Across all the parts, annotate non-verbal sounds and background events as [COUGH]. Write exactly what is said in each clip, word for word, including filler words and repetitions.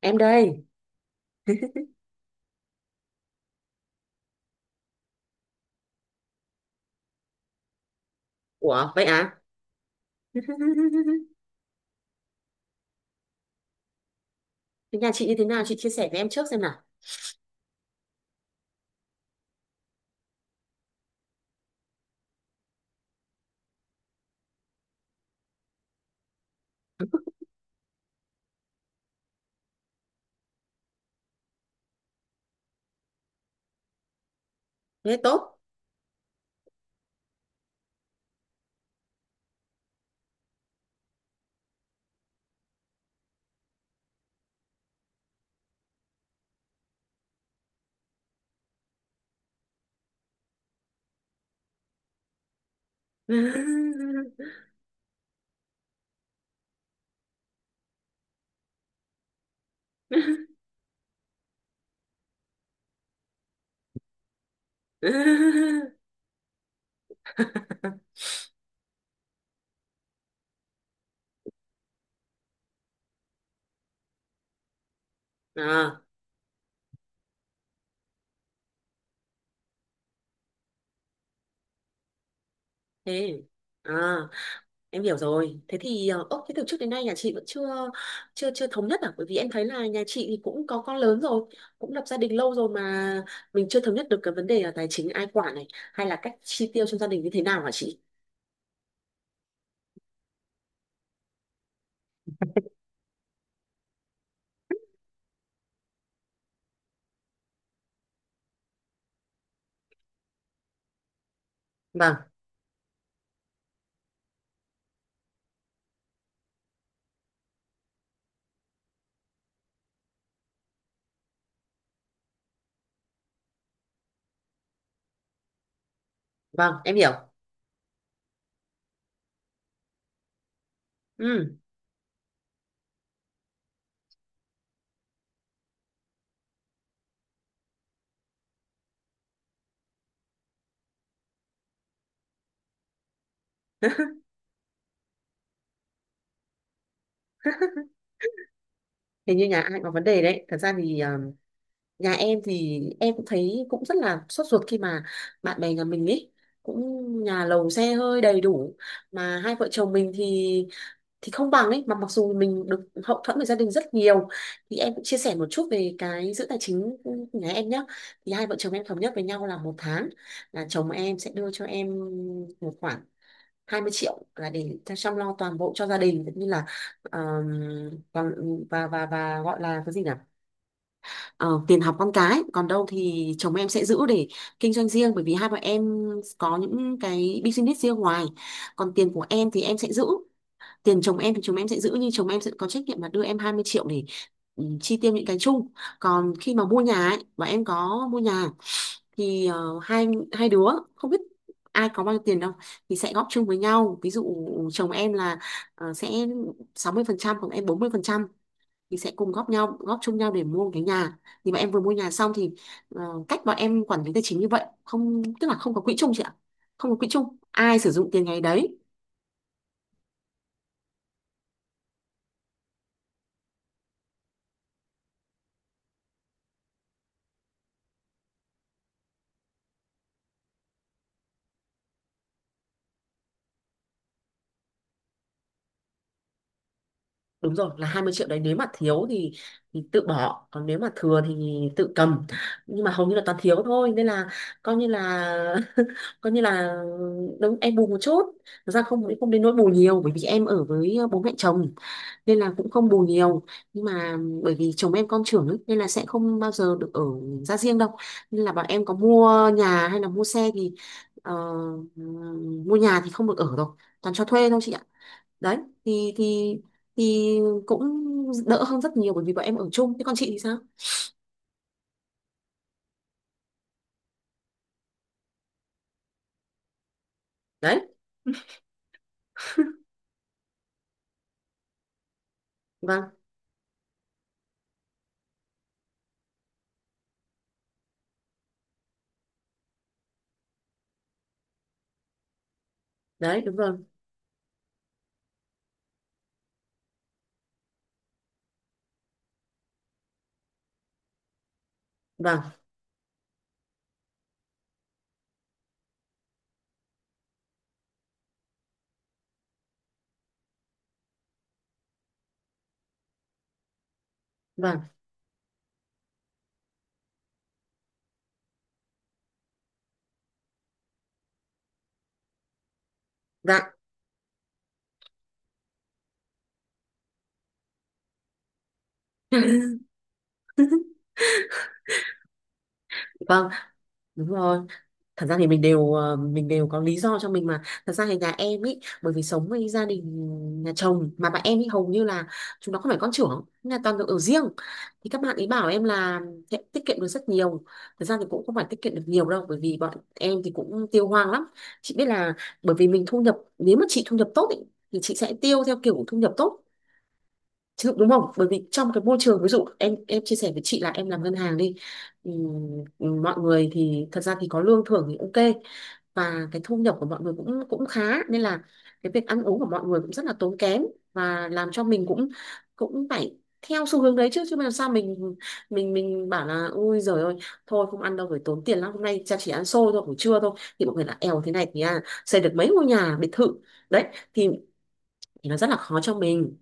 Em đây. Ủa, vậy à? [LAUGHS] Thế nhà chị như thế nào, chị chia sẻ với em trước xem nào. Thế tốt. [LAUGHS] À, thế à? Em hiểu rồi. Thế thì ờ, ốc, thế từ trước đến nay nhà chị vẫn chưa chưa chưa thống nhất à? Bởi vì em thấy là nhà chị thì cũng có con lớn rồi, cũng lập gia đình lâu rồi, mà mình chưa thống nhất được cái vấn đề là tài chính ai quản này, hay là cách chi tiêu trong gia đình như thế nào, hả chị? Vâng. Vâng, em hiểu. Ừ. [LAUGHS] Hình như nhà ai cũng có vấn đề đấy. Thật ra thì ờ, nhà em thì em cũng thấy cũng rất là sốt ruột khi mà bạn bè nhà mình ấy cũng nhà lầu xe hơi đầy đủ, mà hai vợ chồng mình thì thì không bằng ấy, mà mặc dù mình được hậu thuẫn về gia đình rất nhiều. Thì em cũng chia sẻ một chút về cái giữ tài chính của nhà em nhé. Thì hai vợ chồng em thống nhất với nhau là một tháng là chồng em sẽ đưa cho em một khoản hai mươi triệu là để chăm lo toàn bộ cho gia đình, cũng như là ờ, còn và và và gọi là cái gì nhỉ, ờ, tiền học con cái. Còn đâu thì chồng em sẽ giữ để kinh doanh riêng, bởi vì hai bọn em có những cái business riêng ngoài. Còn tiền của em thì em sẽ giữ, tiền chồng em thì chồng em sẽ giữ, nhưng chồng em sẽ có trách nhiệm là đưa em hai mươi triệu để ừ, chi tiêu những cái chung. Còn khi mà mua nhà ấy, và em có mua nhà, thì ờ, hai hai đứa không biết ai có bao nhiêu tiền đâu, thì sẽ góp chung với nhau. Ví dụ chồng em là ờ, sẽ sáu mươi phần trăm, còn em bốn mươi phần trăm, mình sẽ cùng góp nhau góp chung nhau để mua một cái nhà. Thì mà em vừa mua nhà xong thì ờ, cách bọn em quản lý tài chính như vậy, không, tức là không có quỹ chung chị ạ. Không có quỹ chung, ai sử dụng tiền ngày đấy. Đúng rồi, là hai mươi triệu đấy, nếu mà thiếu thì thì tự bỏ, còn nếu mà thừa thì tự cầm. Nhưng mà hầu như là toàn thiếu thôi nên là coi như là [LAUGHS] coi như là đúng, em bù một chút. Thật ra không không đến nỗi bù nhiều bởi vì em ở với bố mẹ chồng, nên là cũng không bù nhiều. Nhưng mà bởi vì chồng em con trưởng ấy, nên là sẽ không bao giờ được ở ra riêng đâu. Nên là bọn em có mua nhà hay là mua xe thì ờ, mua nhà thì không được ở rồi, toàn cho thuê thôi chị ạ. Đấy. Thì thì thì cũng đỡ hơn rất nhiều bởi vì bọn em ở chung. Thế còn chị thì sao? Đấy. Vâng. Đấy, đúng rồi. Vâng. Vâng. Dạ. [LAUGHS] Vâng, đúng rồi. Thật ra thì mình đều ờ, mình đều có lý do cho mình mà. Thật ra thì nhà em ý, bởi vì sống với gia đình nhà chồng, mà bạn em ý hầu như là chúng nó không phải con trưởng là toàn được ở riêng. Thì các bạn ấy bảo em là sẽ tiết kiệm được rất nhiều. Thật ra thì cũng không phải tiết kiệm được nhiều đâu bởi vì bọn em thì cũng tiêu hoang lắm. Chị biết là, bởi vì mình thu nhập, nếu mà chị thu nhập tốt ý, thì chị sẽ tiêu theo kiểu thu nhập tốt chứ, đúng không? Bởi vì trong cái môi trường, ví dụ em em chia sẻ với chị là em làm ngân hàng đi. Ừm, mọi người thì thật ra thì có lương thưởng thì ok, và cái thu nhập của mọi người cũng cũng khá, nên là cái việc ăn uống của mọi người cũng rất là tốn kém, và làm cho mình cũng cũng phải theo xu hướng đấy chứ. Chứ mà làm sao mình mình mình bảo là ui giời ơi, thôi không ăn đâu phải tốn tiền lắm, hôm nay cha chỉ ăn xôi thôi buổi trưa thôi, thì mọi người là èo, thế này thì à, xây được mấy ngôi nhà biệt thự. Đấy. thì thì nó rất là khó cho mình.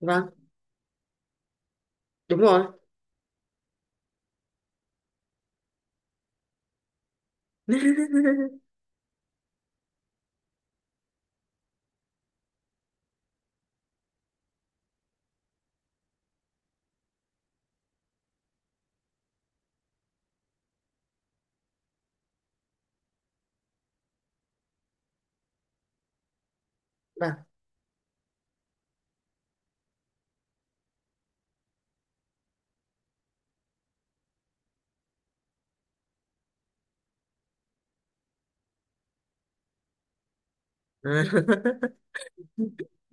Vâng, đúng rồi. [LAUGHS] Vâng.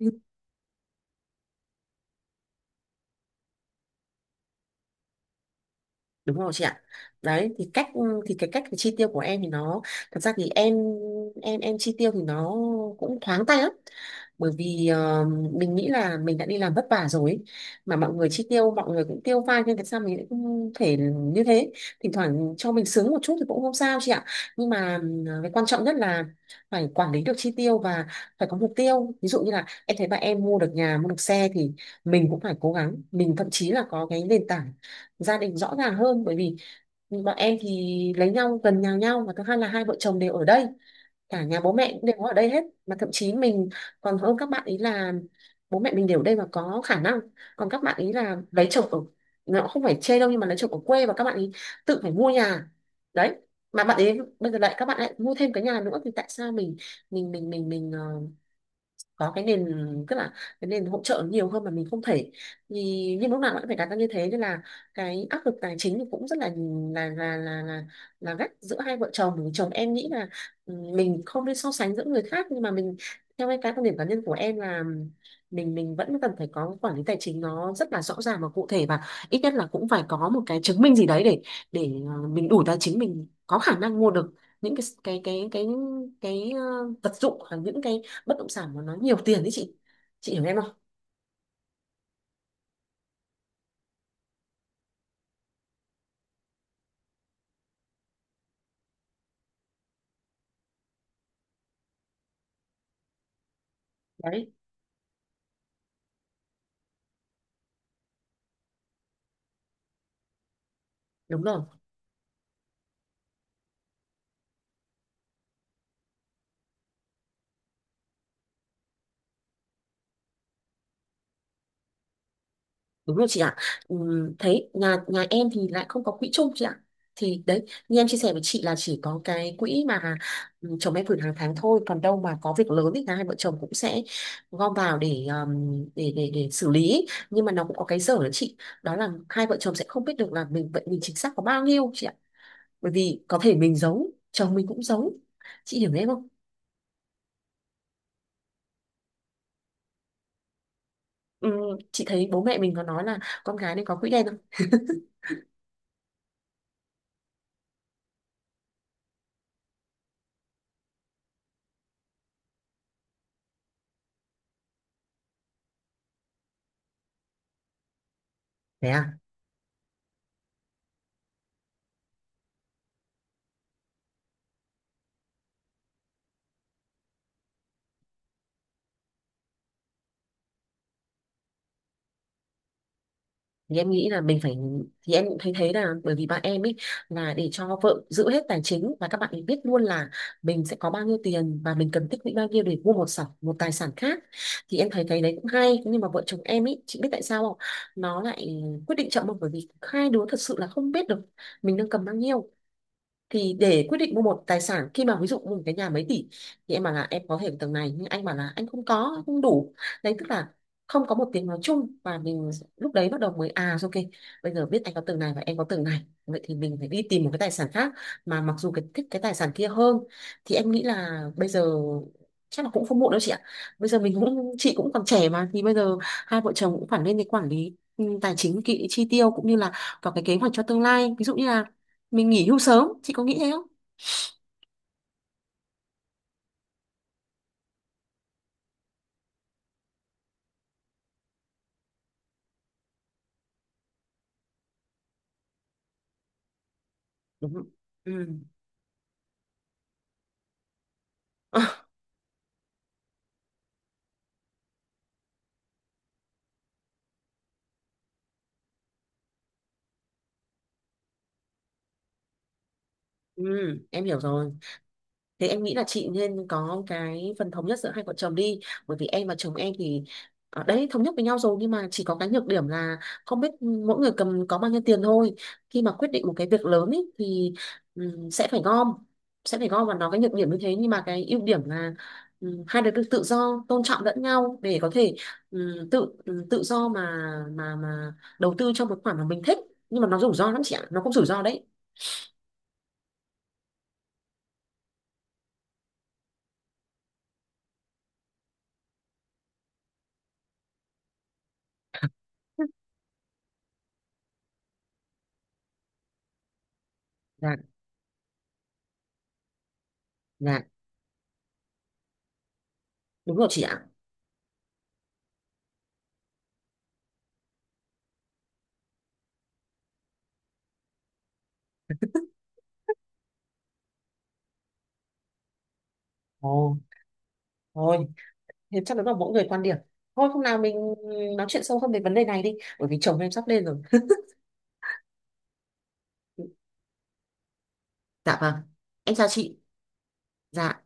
[LAUGHS] Đúng rồi chị ạ. Đấy. Thì cách, thì cái cách chi tiêu của em thì nó, thật ra thì em em em chi tiêu thì nó cũng thoáng tay lắm, bởi vì ờ, mình nghĩ là mình đã đi làm vất vả rồi ấy. Mà mọi người chi tiêu, mọi người cũng tiêu pha, nên tại sao mình lại không thể như thế. Thỉnh thoảng cho mình sướng một chút thì cũng không sao chị ạ. Nhưng mà ờ, cái quan trọng nhất là phải quản lý được chi tiêu, và phải có mục tiêu. Ví dụ như là em thấy bạn em mua được nhà, mua được xe, thì mình cũng phải cố gắng. Mình thậm chí là có cái nền tảng gia đình rõ ràng hơn, bởi vì bọn em thì lấy nhau gần nhà nhau, và thứ hai là hai vợ chồng đều ở đây, cả nhà bố mẹ cũng đều ở đây hết, mà thậm chí mình còn hơn các bạn ý là bố mẹ mình đều ở đây và có khả năng. Còn các bạn ý là lấy chồng ở, nó không phải chê đâu, nhưng mà lấy chồng ở quê và các bạn ý tự phải mua nhà. Đấy. Mà bạn ấy bây giờ lại, các bạn lại mua thêm cái nhà nữa, thì tại sao mình mình mình mình mình ờ, có cái nền, tức là cái nền hỗ trợ nhiều hơn mà mình không thể. Thì nhưng lúc nào cũng phải đặt ra như thế nên là cái áp lực tài chính thì cũng rất là là là là là, là gắt giữa hai vợ chồng. Chồng em nghĩ là ừ, mình không nên so sánh giữa người khác, nhưng mà mình, theo cái cái quan điểm cá nhân của em là mình mình vẫn cần phải có quản lý tài chính nó rất là rõ ràng và cụ thể, và ít nhất là cũng phải có một cái chứng minh gì đấy để để ờ, mình đủ tài chính, mình có khả năng mua được những cái cái cái cái cái, ờ, vật dụng, hoặc những cái bất động sản mà nó nhiều tiền đấy chị. Chị hiểu em không? Đấy, đúng rồi. Đúng rồi chị ạ. Ừm, thấy nhà nhà em thì lại không có quỹ chung chị ạ. Thì đấy, như em chia sẻ với chị là chỉ có cái quỹ mà ừm, chồng em gửi hàng tháng thôi. Còn đâu mà có việc lớn thì cả hai vợ chồng cũng sẽ gom vào để ừm, để để để xử lý. Nhưng mà nó cũng có cái dở đó chị. Đó là hai vợ chồng sẽ không biết được là mình, vậy mình chính xác có bao nhiêu chị ạ. Bởi vì có thể mình giấu, chồng mình cũng giấu. Chị hiểu em không? Ừm, chị thấy bố mẹ mình có nói là con gái nên có quỹ đen. Thế à? Thì em nghĩ là mình phải, thì em cũng thấy thế, là bởi vì bạn em ấy là để cho vợ giữ hết tài chính, và các bạn ấy biết luôn là mình sẽ có bao nhiêu tiền và mình cần tích lũy bao nhiêu để mua một sản, một tài sản khác. Thì em thấy cái đấy cũng hay, nhưng mà vợ chồng em ấy, chị biết tại sao không, nó lại quyết định chậm không, bởi vì hai đứa thật sự là không biết được mình đang cầm bao nhiêu. Thì để quyết định mua một tài sản, khi mà ví dụ mua một cái nhà mấy tỷ, thì em bảo là em có thể ở tầng này, nhưng anh bảo là anh không có, không đủ. Đấy, tức là không có một tiếng nói chung, và mình lúc đấy bắt đầu mới à ok, bây giờ biết anh có tầng này và em có tầng này, vậy thì mình phải đi tìm một cái tài sản khác, mà mặc dù cái thích cái tài sản kia hơn. Thì em nghĩ là bây giờ chắc là cũng không muộn đâu chị ạ. Bây giờ mình cũng, chị cũng còn trẻ mà, thì bây giờ hai vợ chồng cũng phải lên cái quản lý ừ, tài chính kỹ, chi tiêu, cũng như là có cái kế hoạch cho tương lai, ví dụ như là mình nghỉ hưu sớm, chị có nghĩ thế không? Đúng. Ừ. [LAUGHS] Ừ, em hiểu rồi. Thế em nghĩ là chị nên có cái phần thống nhất giữa hai vợ chồng đi. Bởi vì em và chồng em thì ở đấy thống nhất với nhau rồi, nhưng mà chỉ có cái nhược điểm là không biết mỗi người cầm có bao nhiêu tiền thôi. Khi mà quyết định một cái việc lớn ý, thì ừm, sẽ phải gom, sẽ phải gom và nó cái nhược điểm như thế. Nhưng mà cái ưu điểm là ừm, hai đứa được tự do tôn trọng lẫn nhau để có thể ừm, tự ừm, tự do mà mà mà đầu tư cho một khoản mà mình thích. Nhưng mà nó rủi ro lắm chị ạ, nó cũng rủi ro đấy. Dạ. Dạ, đúng rồi chị ạ. Ồ, thôi, thế chắc là mỗi người quan điểm. Thôi hôm nào mình nói chuyện sâu hơn về vấn đề này đi, bởi vì chồng em sắp lên rồi. [LAUGHS] Dạ vâng, em chào chị. Dạ.